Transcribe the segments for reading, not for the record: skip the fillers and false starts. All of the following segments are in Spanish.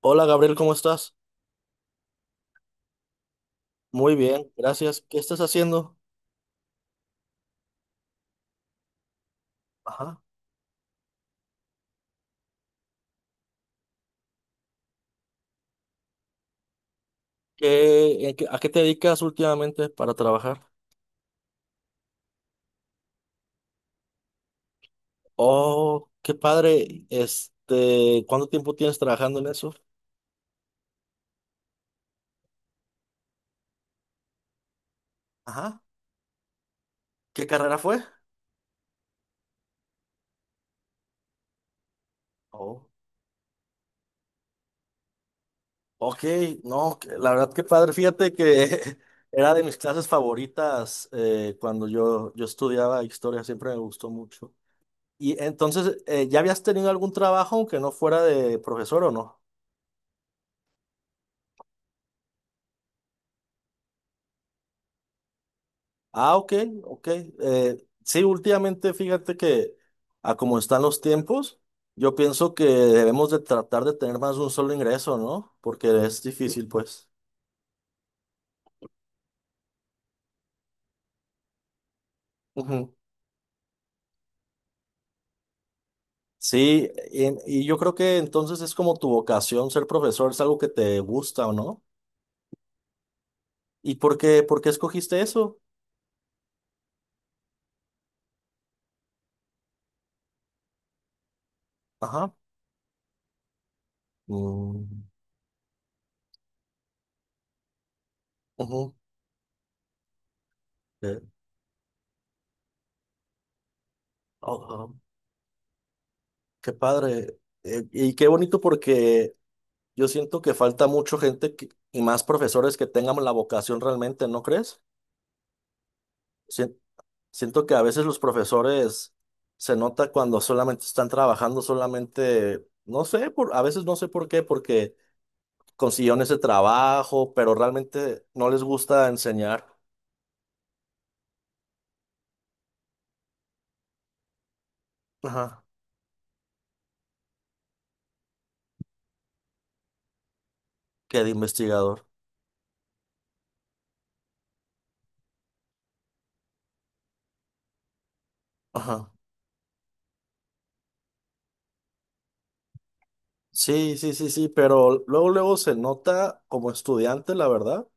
Hola Gabriel, ¿cómo estás? Muy bien, gracias. ¿Qué estás haciendo? Ajá. ¿Qué, a qué te dedicas últimamente para trabajar? Oh, qué padre. Este, ¿cuánto tiempo tienes trabajando en eso? Ajá. ¿Qué carrera fue? Oh, ok, no, que- la verdad que padre. Fíjate que era de mis clases favoritas, cuando yo estudiaba historia, siempre me gustó mucho. Y entonces, ¿ya habías tenido algún trabajo aunque no fuera de profesor o no? Ah, ok, ok. Sí, últimamente fíjate que a como están los tiempos, yo pienso que debemos de tratar de tener más de un solo ingreso, ¿no? Porque es difícil, pues. Ujú. Sí, y yo creo que entonces es como tu vocación ser profesor, es algo que te gusta, ¿o no? ¿Y por qué escogiste eso? Ajá. Mm, ujú. Eh, oh, qué padre. Y qué bonito porque yo siento que falta mucho y más profesores que tengan la vocación realmente, ¿no crees? Sien- Siento que a veces los profesores se nota cuando solamente están trabajando, solamente, no sé, por, a veces no sé por qué, porque consiguieron ese trabajo, pero realmente no les gusta enseñar. Ajá. Que de investigador. Ajá. Sí, sí, sí, sí, pero luego se nota como estudiante, la verdad,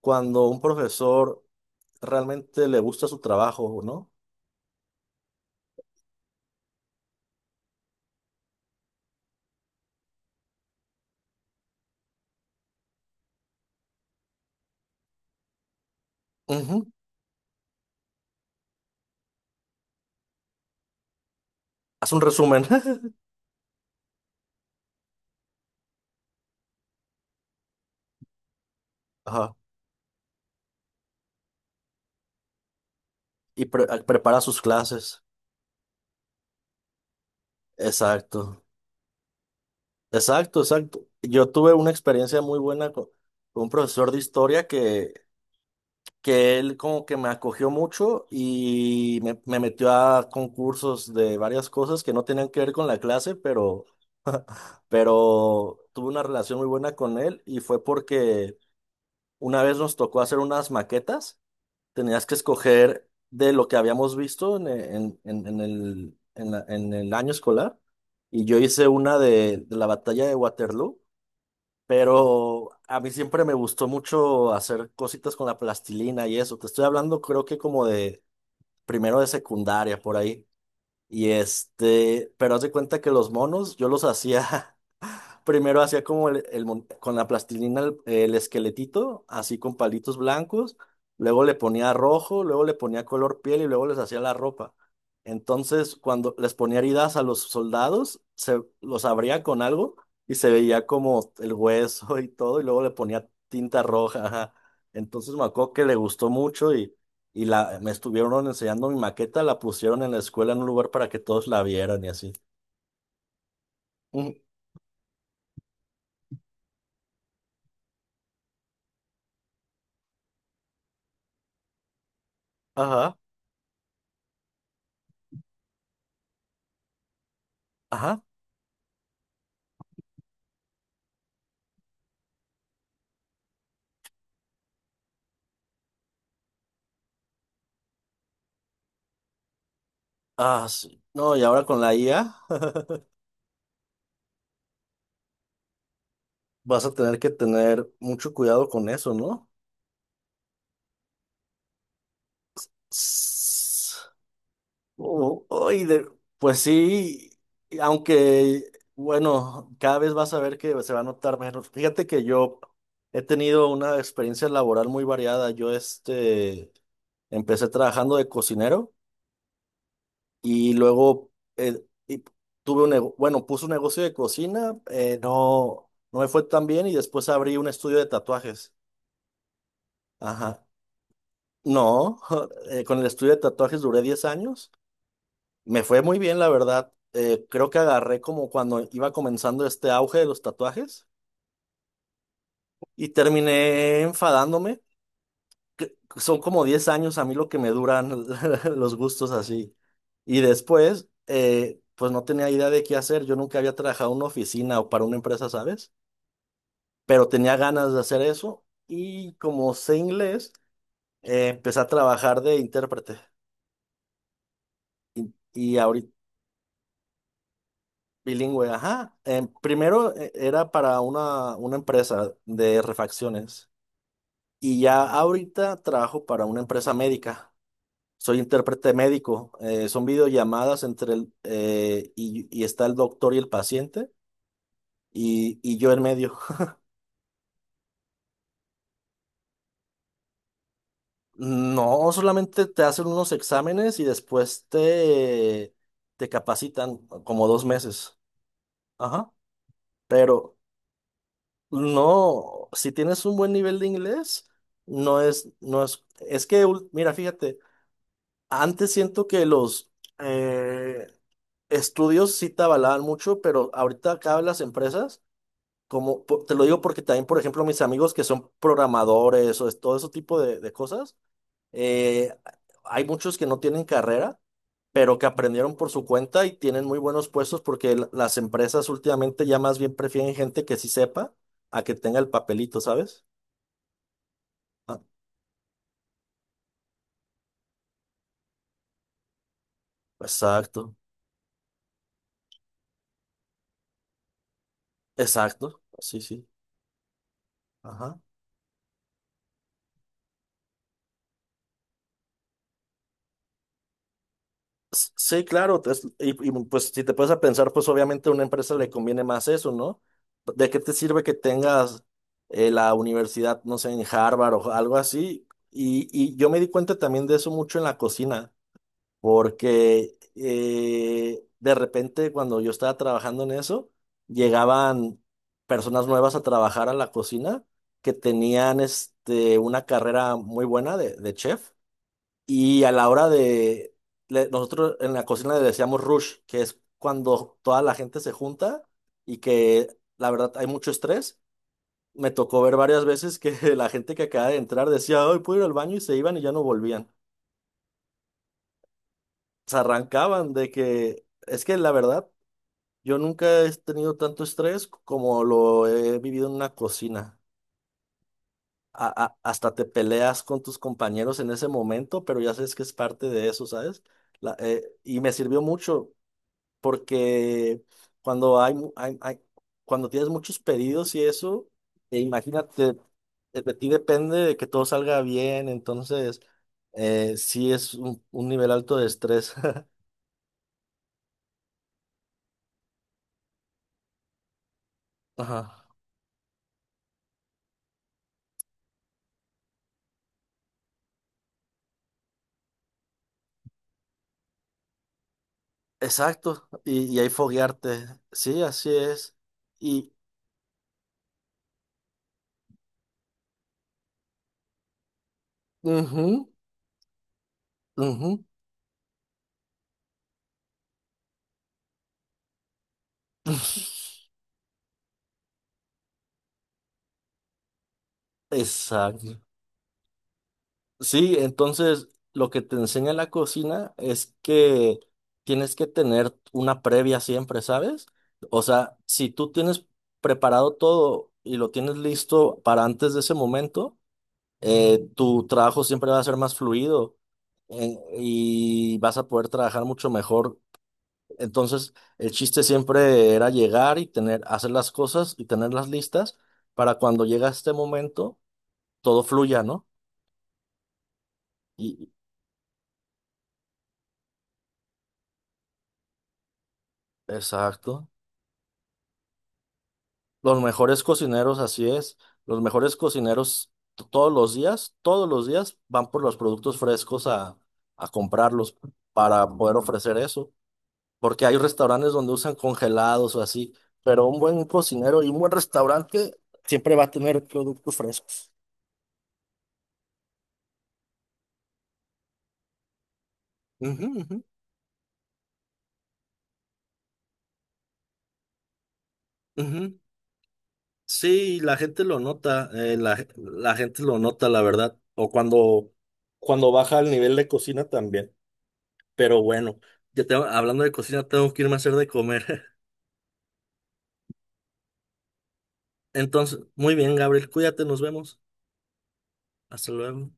cuando un profesor realmente le gusta su trabajo, ¿no? Ujú. Haz un resumen. Ajá. Y prepara sus clases. Exacto. Exacto, exacto. Yo tuve una experiencia muy buena con un profesor de historia que él como que me acogió mucho y me metió a concursos de varias cosas que no tenían que ver con la clase, pero tuve una relación muy buena con él y fue porque una vez nos tocó hacer unas maquetas. Tenías que escoger de lo que habíamos visto en el año escolar. Y yo hice una de la batalla de Waterloo, pero a mí siempre me gustó mucho hacer cositas con la plastilina y eso. Te estoy hablando creo que como de primero de secundaria por ahí. Y este, pero haz de cuenta que los monos yo los hacía. Primero hacía como con la plastilina el esqueletito, así con palitos blancos, luego le ponía rojo, luego le ponía color piel y luego les hacía la ropa. Entonces, cuando les ponía heridas a los soldados, se los abría con algo y se veía como el hueso y todo, y luego le ponía tinta roja. Ajá. Entonces me acuerdo que le gustó mucho y, me estuvieron enseñando mi maqueta, la pusieron en la escuela en un lugar para que todos la vieran y así. Ujú, ajá, ajá. Ah, sí. No, y ahora con la IA vas a tener que tener mucho cuidado con eso, ¿no? Tss. Oh, oh, y de- pues sí, y aunque, bueno, cada vez vas a ver que se va a notar menos. Fíjate que yo he tenido una experiencia laboral muy variada. Yo este, empecé trabajando de cocinero y luego, eh, y tuve un, bueno, puse un negocio de cocina, no, no me fue tan bien y después abrí un estudio de tatuajes. Ajá. No, con el estudio de tatuajes duré 10 años. Me fue muy bien, la verdad. Creo que agarré como cuando iba comenzando este auge de los tatuajes y terminé enfadándome. Son como 10 años a mí lo que me duran los gustos así. Y después, pues no tenía idea de qué hacer. Yo nunca había trabajado en una oficina o para una empresa, ¿sabes? Pero tenía ganas de hacer eso y como sé inglés, empecé a trabajar de intérprete. Y ahorita bilingüe, ajá. Primero, era para una empresa de refacciones y ya ahorita trabajo para una empresa médica. Soy intérprete médico. Son videollamadas entre y está el doctor y el paciente y yo en medio. No, solamente te hacen unos exámenes y después te capacitan como dos meses. Ajá. Pero... No, si tienes un buen nivel de inglés, no es, no es, es que, mira, fíjate, antes siento que los eh, estudios sí te avalaban mucho, pero ahorita acá vez las empresas, como, te lo digo porque también, por ejemplo, mis amigos que son programadores todo ese tipo de cosas, eh, hay muchos que no tienen carrera, pero que aprendieron por su cuenta y tienen muy buenos puestos porque las empresas últimamente ya más bien prefieren gente que sí sepa a que tenga el papelito, ¿sabes? Ah, exacto, exacto, sí, sí. Ajá. Sí, claro, y, pues si te puedes a pensar, pues obviamente a una empresa le conviene más eso, ¿no? ¿De qué te sirve que tengas, la universidad, no sé, en Harvard o algo así? Y yo me di cuenta también de eso mucho en la cocina. Porque de repente cuando yo estaba trabajando en eso, llegaban personas nuevas a trabajar a la cocina que tenían este, una carrera muy buena de chef y a la hora de, nosotros en la cocina le decíamos rush, que es cuando toda la gente se junta y que la verdad hay mucho estrés. Me tocó ver varias veces que la gente que acaba de entrar decía, hoy puedo ir al baño y se iban y ya no volvían. Se arrancaban de que es que la verdad yo nunca he tenido tanto estrés como lo he vivido en una cocina. Hasta te peleas con tus compañeros en ese momento, pero ya sabes que es parte de eso, ¿sabes? Y me sirvió mucho porque cuando hay, mu- hay- hay- cuando tienes muchos pedidos y eso, e imagínate, de ti depende de que todo salga bien, entonces, sí es un nivel alto de estrés. Ajá. Exacto, y ahí foguearte. Sí, así es. Y, ujú, ujú, exacto. Sí, entonces lo que te enseña la cocina es que tienes que tener una previa siempre, ¿sabes? O sea, si tú tienes preparado todo y lo tienes listo para antes de ese momento, tu trabajo siempre va a ser más fluido, y vas a poder trabajar mucho mejor. Entonces, el chiste siempre era llegar y tener, hacer las cosas y tenerlas listas para cuando llega este momento, todo fluya, ¿no? Y, exacto. Los mejores cocineros, así es. Los mejores cocineros todos los días van por los productos frescos a comprarlos para poder ofrecer eso. Porque hay restaurantes donde usan congelados o así, pero un buen cocinero y un buen restaurante siempre va a tener productos frescos. Ujú, ujú, ujú. Sí, la gente lo nota, la gente lo nota, la verdad. O cuando, cuando baja el nivel de cocina también. Pero bueno, hablando de cocina, tengo que irme a hacer de comer. Entonces, muy bien, Gabriel, cuídate, nos vemos. Hasta luego.